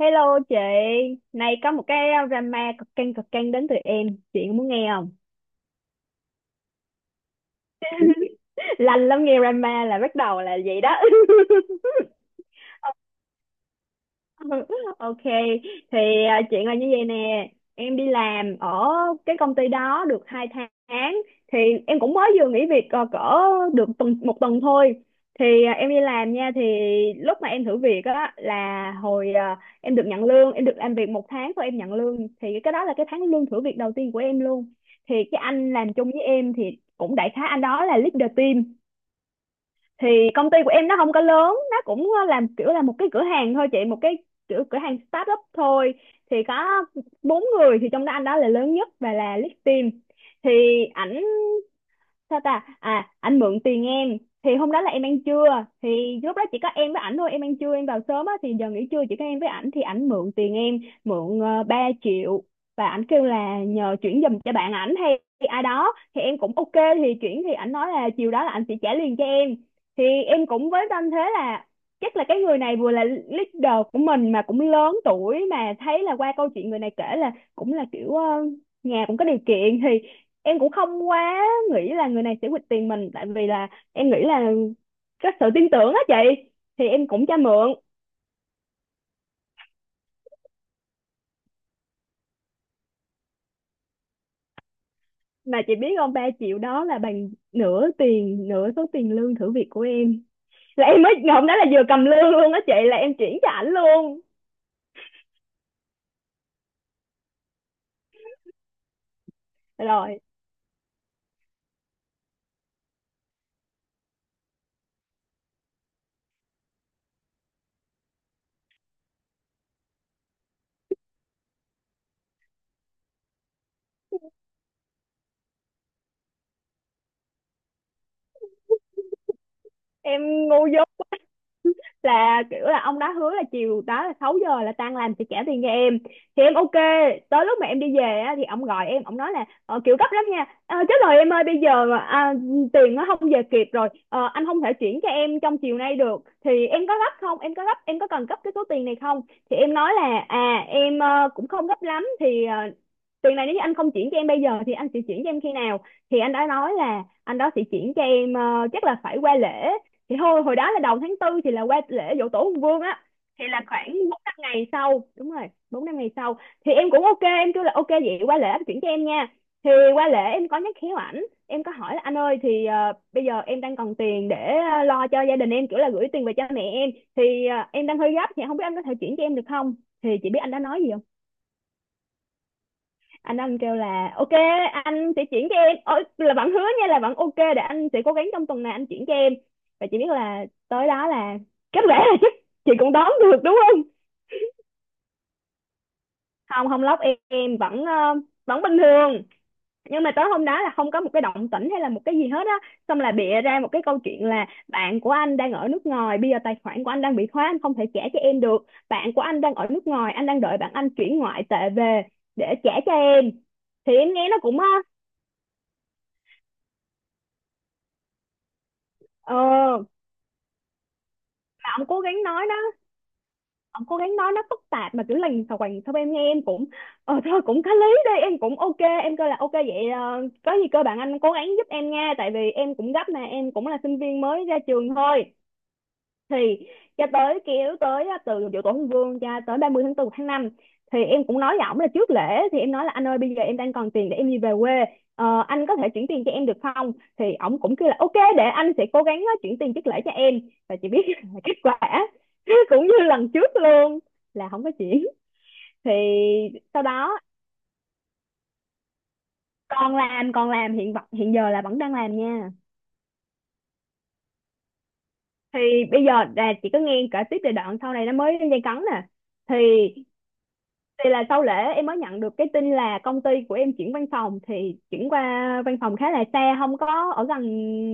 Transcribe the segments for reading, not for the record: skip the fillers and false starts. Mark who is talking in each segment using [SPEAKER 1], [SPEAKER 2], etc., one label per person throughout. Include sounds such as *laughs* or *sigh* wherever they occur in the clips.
[SPEAKER 1] Hello chị, nay có một cái drama cực căng đến từ em, chị muốn nghe không? *laughs* Lành lắm nghe drama là bắt đầu là vậy đó. *laughs* *laughs* Ok, thì chuyện là như vậy nè, em đi làm ở cái công ty đó được 2 tháng, thì em cũng mới vừa nghỉ việc cỡ được một tuần thôi. Thì em đi làm nha, thì lúc mà em thử việc á là hồi em được nhận lương, em được làm việc 1 tháng thôi em nhận lương, thì cái đó là cái tháng lương thử việc đầu tiên của em luôn. Thì cái anh làm chung với em thì cũng đại khái anh đó là leader team. Thì công ty của em nó không có lớn, nó cũng làm kiểu là một cái cửa hàng thôi chị, một cái kiểu cửa hàng start up thôi, thì có 4 người, thì trong đó anh đó là lớn nhất và là lead team. Thì ảnh, sao ta, anh mượn tiền em. Thì hôm đó là em ăn trưa, thì lúc đó chỉ có em với ảnh thôi, em ăn trưa em vào sớm á, thì giờ nghỉ trưa chỉ có em với ảnh, thì ảnh mượn tiền em, mượn 3 triệu, và ảnh kêu là nhờ chuyển giùm cho bạn ảnh hay ai đó, thì em cũng ok thì chuyển, thì ảnh nói là chiều đó là ảnh sẽ trả liền cho em. Thì em cũng với tâm thế là chắc là cái người này vừa là leader của mình mà cũng lớn tuổi, mà thấy là qua câu chuyện người này kể là cũng là kiểu nhà cũng có điều kiện, thì em cũng không quá nghĩ là người này sẽ quỵt tiền mình, tại vì là em nghĩ là có sự tin tưởng á chị, thì em cũng cho mượn. Mà chị biết không, 3 triệu đó là bằng nửa tiền, nửa số tiền lương thử việc của em, là em mới ngày hôm đó là vừa cầm lương luôn á chị, là em chuyển cho ảnh luôn. Rồi em ngu dốt là kiểu là ông đó hứa là chiều đó là 6 giờ là tan làm sẽ trả tiền cho em, thì em ok. Tới lúc mà em đi về á, thì ông gọi em, ông nói là kiểu gấp lắm nha. Ờ, chết rồi em ơi, bây giờ tiền nó không về kịp rồi. Ờ, anh không thể chuyển cho em trong chiều nay được, thì em có gấp không, em có gấp em có cần gấp cái số tiền này không. Thì em nói là à em cũng không gấp lắm, thì tiền này nếu như anh không chuyển cho em bây giờ thì anh sẽ chuyển cho em khi nào. Thì anh đã nói là anh đó sẽ chuyển cho em, chắc là phải qua lễ. Thì thôi, hồi đó là đầu tháng 4, thì là qua lễ giỗ tổ Hùng Vương á, thì là khoảng 4 5 ngày sau, đúng rồi 4 5 ngày sau. Thì em cũng ok, em kêu là ok vậy qua lễ anh chuyển cho em nha. Thì qua lễ em có nhắc khéo ảnh, em có hỏi là anh ơi thì bây giờ em đang cần tiền để lo cho gia đình em, kiểu là gửi tiền về cho mẹ em, thì em đang hơi gấp, thì không biết anh có thể chuyển cho em được không. Thì chị biết anh đã nói gì, anh kêu là ok anh sẽ chuyển cho em. Ôi, là bạn hứa nha, là bạn ok, để anh sẽ cố gắng trong tuần này anh chuyển cho em. Và chị biết là tới đó là kết quả là chắc *laughs* chị cũng đoán được đúng không. Không không lóc em vẫn vẫn bình thường, nhưng mà tới hôm đó là không có một cái động tĩnh hay là một cái gì hết á. Xong là bịa ra một cái câu chuyện là bạn của anh đang ở nước ngoài, bây giờ tài khoản của anh đang bị khóa, anh không thể trả cho em được, bạn của anh đang ở nước ngoài, anh đang đợi bạn anh chuyển ngoại tệ về để trả cho em. Thì em nghe nó cũng ờ, ờ, ông cố gắng nói đó, ông cố gắng nói nó phức tạp mà kiểu lằng xào quành sau, em nghe em cũng ờ thôi cũng có lý đi, em cũng ok, em kêu là ok vậy, có gì cơ bạn anh cố gắng giúp em nha, tại vì em cũng gấp nè, em cũng là sinh viên mới ra trường thôi. Thì cho tới kéo tới á, từ giỗ tổ Hùng Vương cho tới 30 tháng 4 một tháng 5, thì em cũng nói với ổng là trước lễ, thì em nói là anh ơi bây giờ em đang còn tiền để em đi về quê. Ờ, anh có thể chuyển tiền cho em được không. Thì ổng cũng kêu là ok, để anh sẽ cố gắng chuyển tiền trước lễ cho em. Và chị biết *laughs* là kết quả *laughs* cũng như lần trước luôn, là không có chuyển. Thì sau đó còn làm, còn làm hiện giờ là vẫn đang làm nha. Thì bây giờ là chị cứ nghe kể tiếp về đoạn sau này, nó mới lên dây cấn nè. thì thì là sau lễ em mới nhận được cái tin là công ty của em chuyển văn phòng, thì chuyển qua văn phòng khá là xa, không có ở gần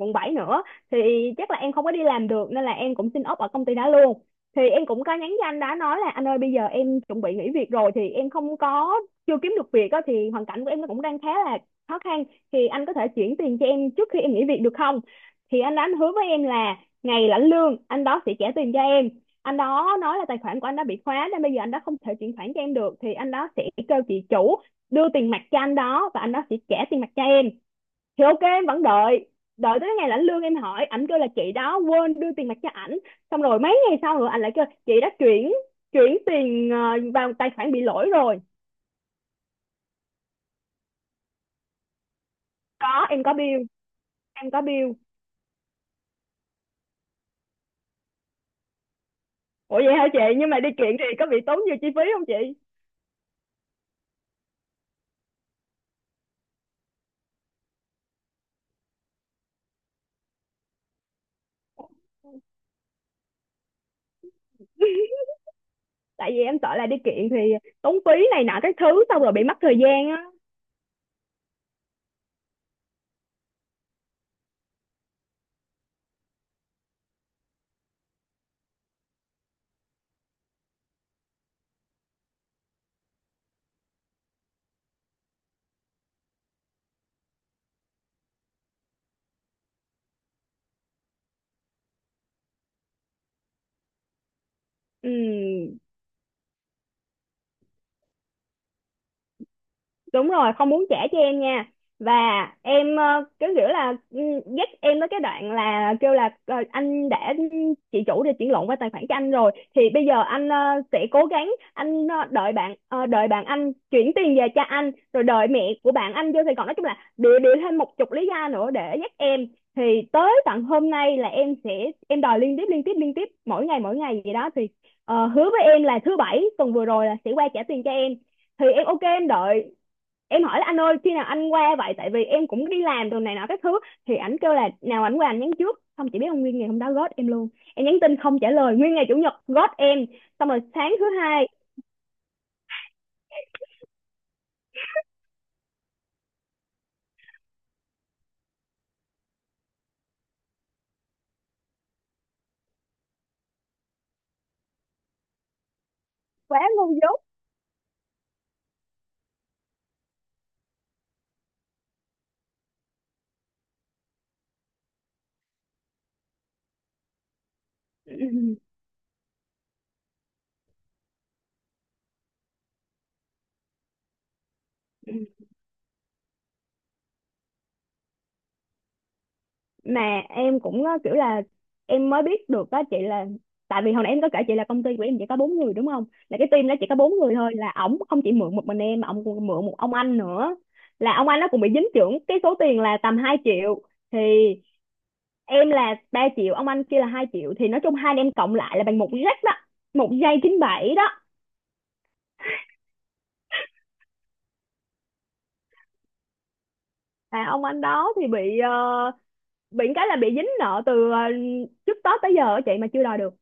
[SPEAKER 1] quận 7 nữa, thì chắc là em không có đi làm được, nên là em cũng xin ốp ở công ty đó luôn. Thì em cũng có nhắn cho anh đó, nói là anh ơi bây giờ em chuẩn bị nghỉ việc rồi, thì em không có chưa kiếm được việc á, thì hoàn cảnh của em nó cũng đang khá là khó khăn, thì anh có thể chuyển tiền cho em trước khi em nghỉ việc được không. Thì anh đó anh hứa với em là ngày lãnh lương anh đó sẽ trả tiền cho em. Anh đó nói là tài khoản của anh đã bị khóa nên bây giờ anh đó không thể chuyển khoản cho em được, thì anh đó sẽ kêu chị chủ đưa tiền mặt cho anh đó và anh đó sẽ trả tiền mặt cho em. Thì ok em vẫn đợi. Đợi tới ngày lãnh lương em hỏi, ảnh kêu là chị đó quên đưa tiền mặt cho ảnh, xong rồi mấy ngày sau rồi anh lại kêu chị đã chuyển chuyển tiền vào tài khoản bị lỗi rồi. Có, em có bill, em có bill. Ủa vậy hả chị, nhưng mà đi kiện thì có bị tốn nhiều chi phí không chị? *laughs* Tại vì em sợ là đi kiện thì tốn phí này nọ các thứ, xong rồi bị mất thời gian á. Ừ đúng rồi, không muốn trả cho em nha. Và em cái kiểu là ừ, dắt em tới cái đoạn là kêu là anh đã, chị chủ đã chuyển lộn qua tài khoản cho anh rồi, thì bây giờ anh sẽ cố gắng, anh đợi bạn, đợi bạn anh chuyển tiền về cho anh, rồi đợi mẹ của bạn anh vô Sài Gòn, nói chung là đưa đưa thêm một chục lý do nữa để dắt em. Thì tới tận hôm nay là em sẽ em đòi liên tiếp liên tiếp liên tiếp mỗi ngày vậy đó, thì hứa với em là thứ bảy tuần vừa rồi là sẽ qua trả tiền cho em. Thì em ok em đợi, em hỏi là anh ơi khi nào anh qua vậy, tại vì em cũng đi làm đồ này nọ các thứ. Thì ảnh kêu là nào ảnh qua anh nhắn trước, không chỉ biết ông nguyên ngày hôm đó ghost em luôn, em nhắn tin không trả lời, nguyên ngày chủ nhật ghost em. Xong rồi sáng thứ hai. Quá ngu dốt. *laughs* *clears throat* Mà em cũng kiểu là em mới biết được đó chị, là tại vì hồi nãy em có kể chị là công ty của em chỉ có 4 người đúng không, là cái team đó chỉ có 4 người thôi, là ổng không chỉ mượn một mình em mà ổng còn mượn một ông anh nữa, là ông anh nó cũng bị dính trưởng cái số tiền là tầm 2 triệu. Thì em là 3 triệu, ông anh kia là 2 triệu, thì nói chung hai anh em cộng lại là bằng một jack đó, 1.97 đó. Và ông anh đó thì bị bị cái là bị dính nợ từ trước Tết tới giờ á chị, mà chưa đòi được.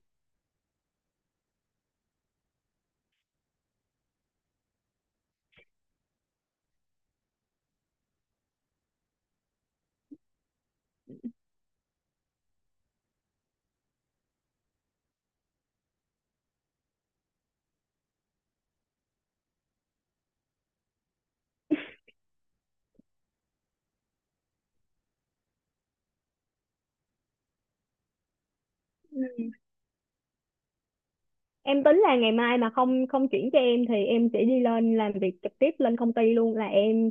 [SPEAKER 1] Em tính là ngày mai mà không, không chuyển cho em thì em sẽ đi lên làm việc trực tiếp lên công ty luôn, là em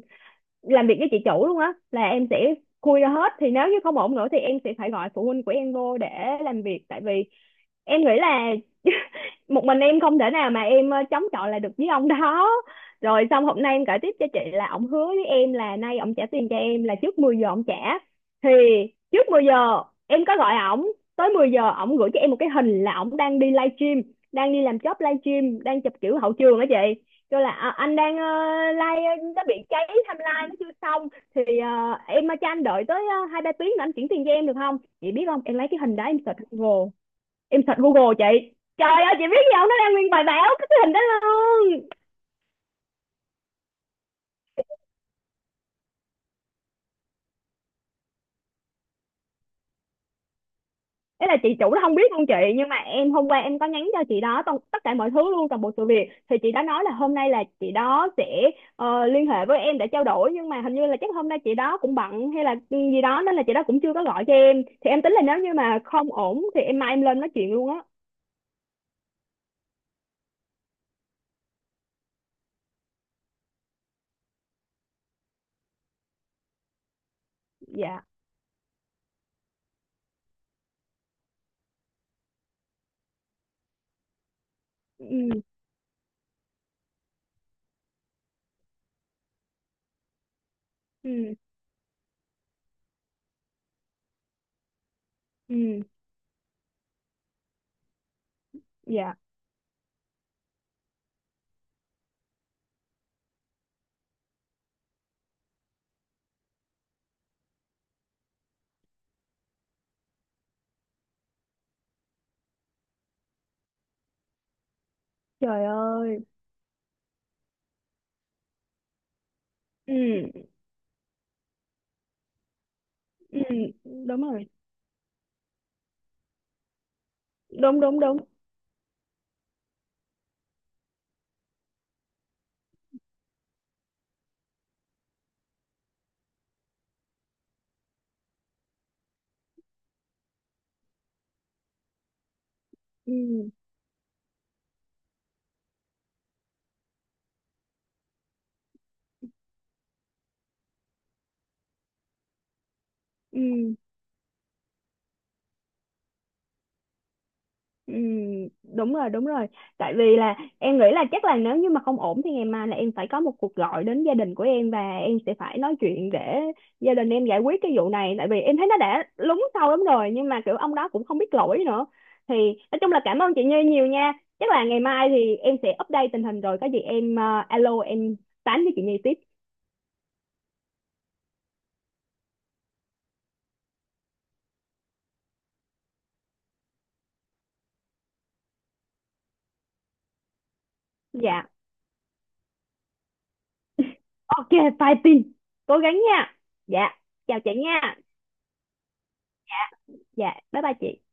[SPEAKER 1] làm việc với chị chủ luôn á, là em sẽ khui ra hết. Thì nếu như không ổn nữa thì em sẽ phải gọi phụ huynh của em vô để làm việc, tại vì em nghĩ là một mình em không thể nào mà em chống chọi lại được với ông đó. Rồi xong hôm nay em kể tiếp cho chị là ổng hứa với em là nay ổng trả tiền cho em là trước 10 giờ ổng trả. Thì trước 10 giờ em có gọi ổng, tới 10 giờ ổng gửi cho em một cái hình là ổng đang đi livestream, đang đi làm job livestream, đang chụp kiểu hậu trường á chị, kêu là "À, anh đang live nó bị cháy timeline nó chưa xong, thì em cho anh đợi tới 2 3 tiếng nữa anh chuyển tiền cho em được không". Chị biết không, em lấy cái hình đó em search Google, em search Google chị, trời ơi chị biết gì không, nó đang nguyên bài báo cái hình đó luôn. Ấy là chị chủ nó không biết luôn chị, nhưng mà em hôm qua em có nhắn cho chị đó tất cả mọi thứ luôn, toàn bộ sự việc, thì chị đã nói là hôm nay là chị đó sẽ liên hệ với em để trao đổi, nhưng mà hình như là chắc hôm nay chị đó cũng bận hay là gì đó nên là chị đó cũng chưa có gọi cho em. Thì em tính là nếu như mà không ổn thì em mai em lên nói chuyện luôn á. Dạ. Ừ. Ừ. Ừ. Dạ. Trời ơi. Ừ. Ừ đúng rồi. Đúng đúng đúng. Ừ. Ừ. Ừ, đúng rồi đúng rồi. Tại vì là em nghĩ là chắc là nếu như mà không ổn thì ngày mai là em phải có một cuộc gọi đến gia đình của em và em sẽ phải nói chuyện để gia đình em giải quyết cái vụ này, tại vì em thấy nó đã lúng sâu lắm rồi, nhưng mà kiểu ông đó cũng không biết lỗi nữa. Thì nói chung là cảm ơn chị Như nhiều nha. Chắc là ngày mai thì em sẽ update tình hình, rồi có gì em alo em tán với chị Như tiếp. Dạ ok, bye Tin, cố gắng nha. Dạ, chào chị nha. Dạ, bye bye chị.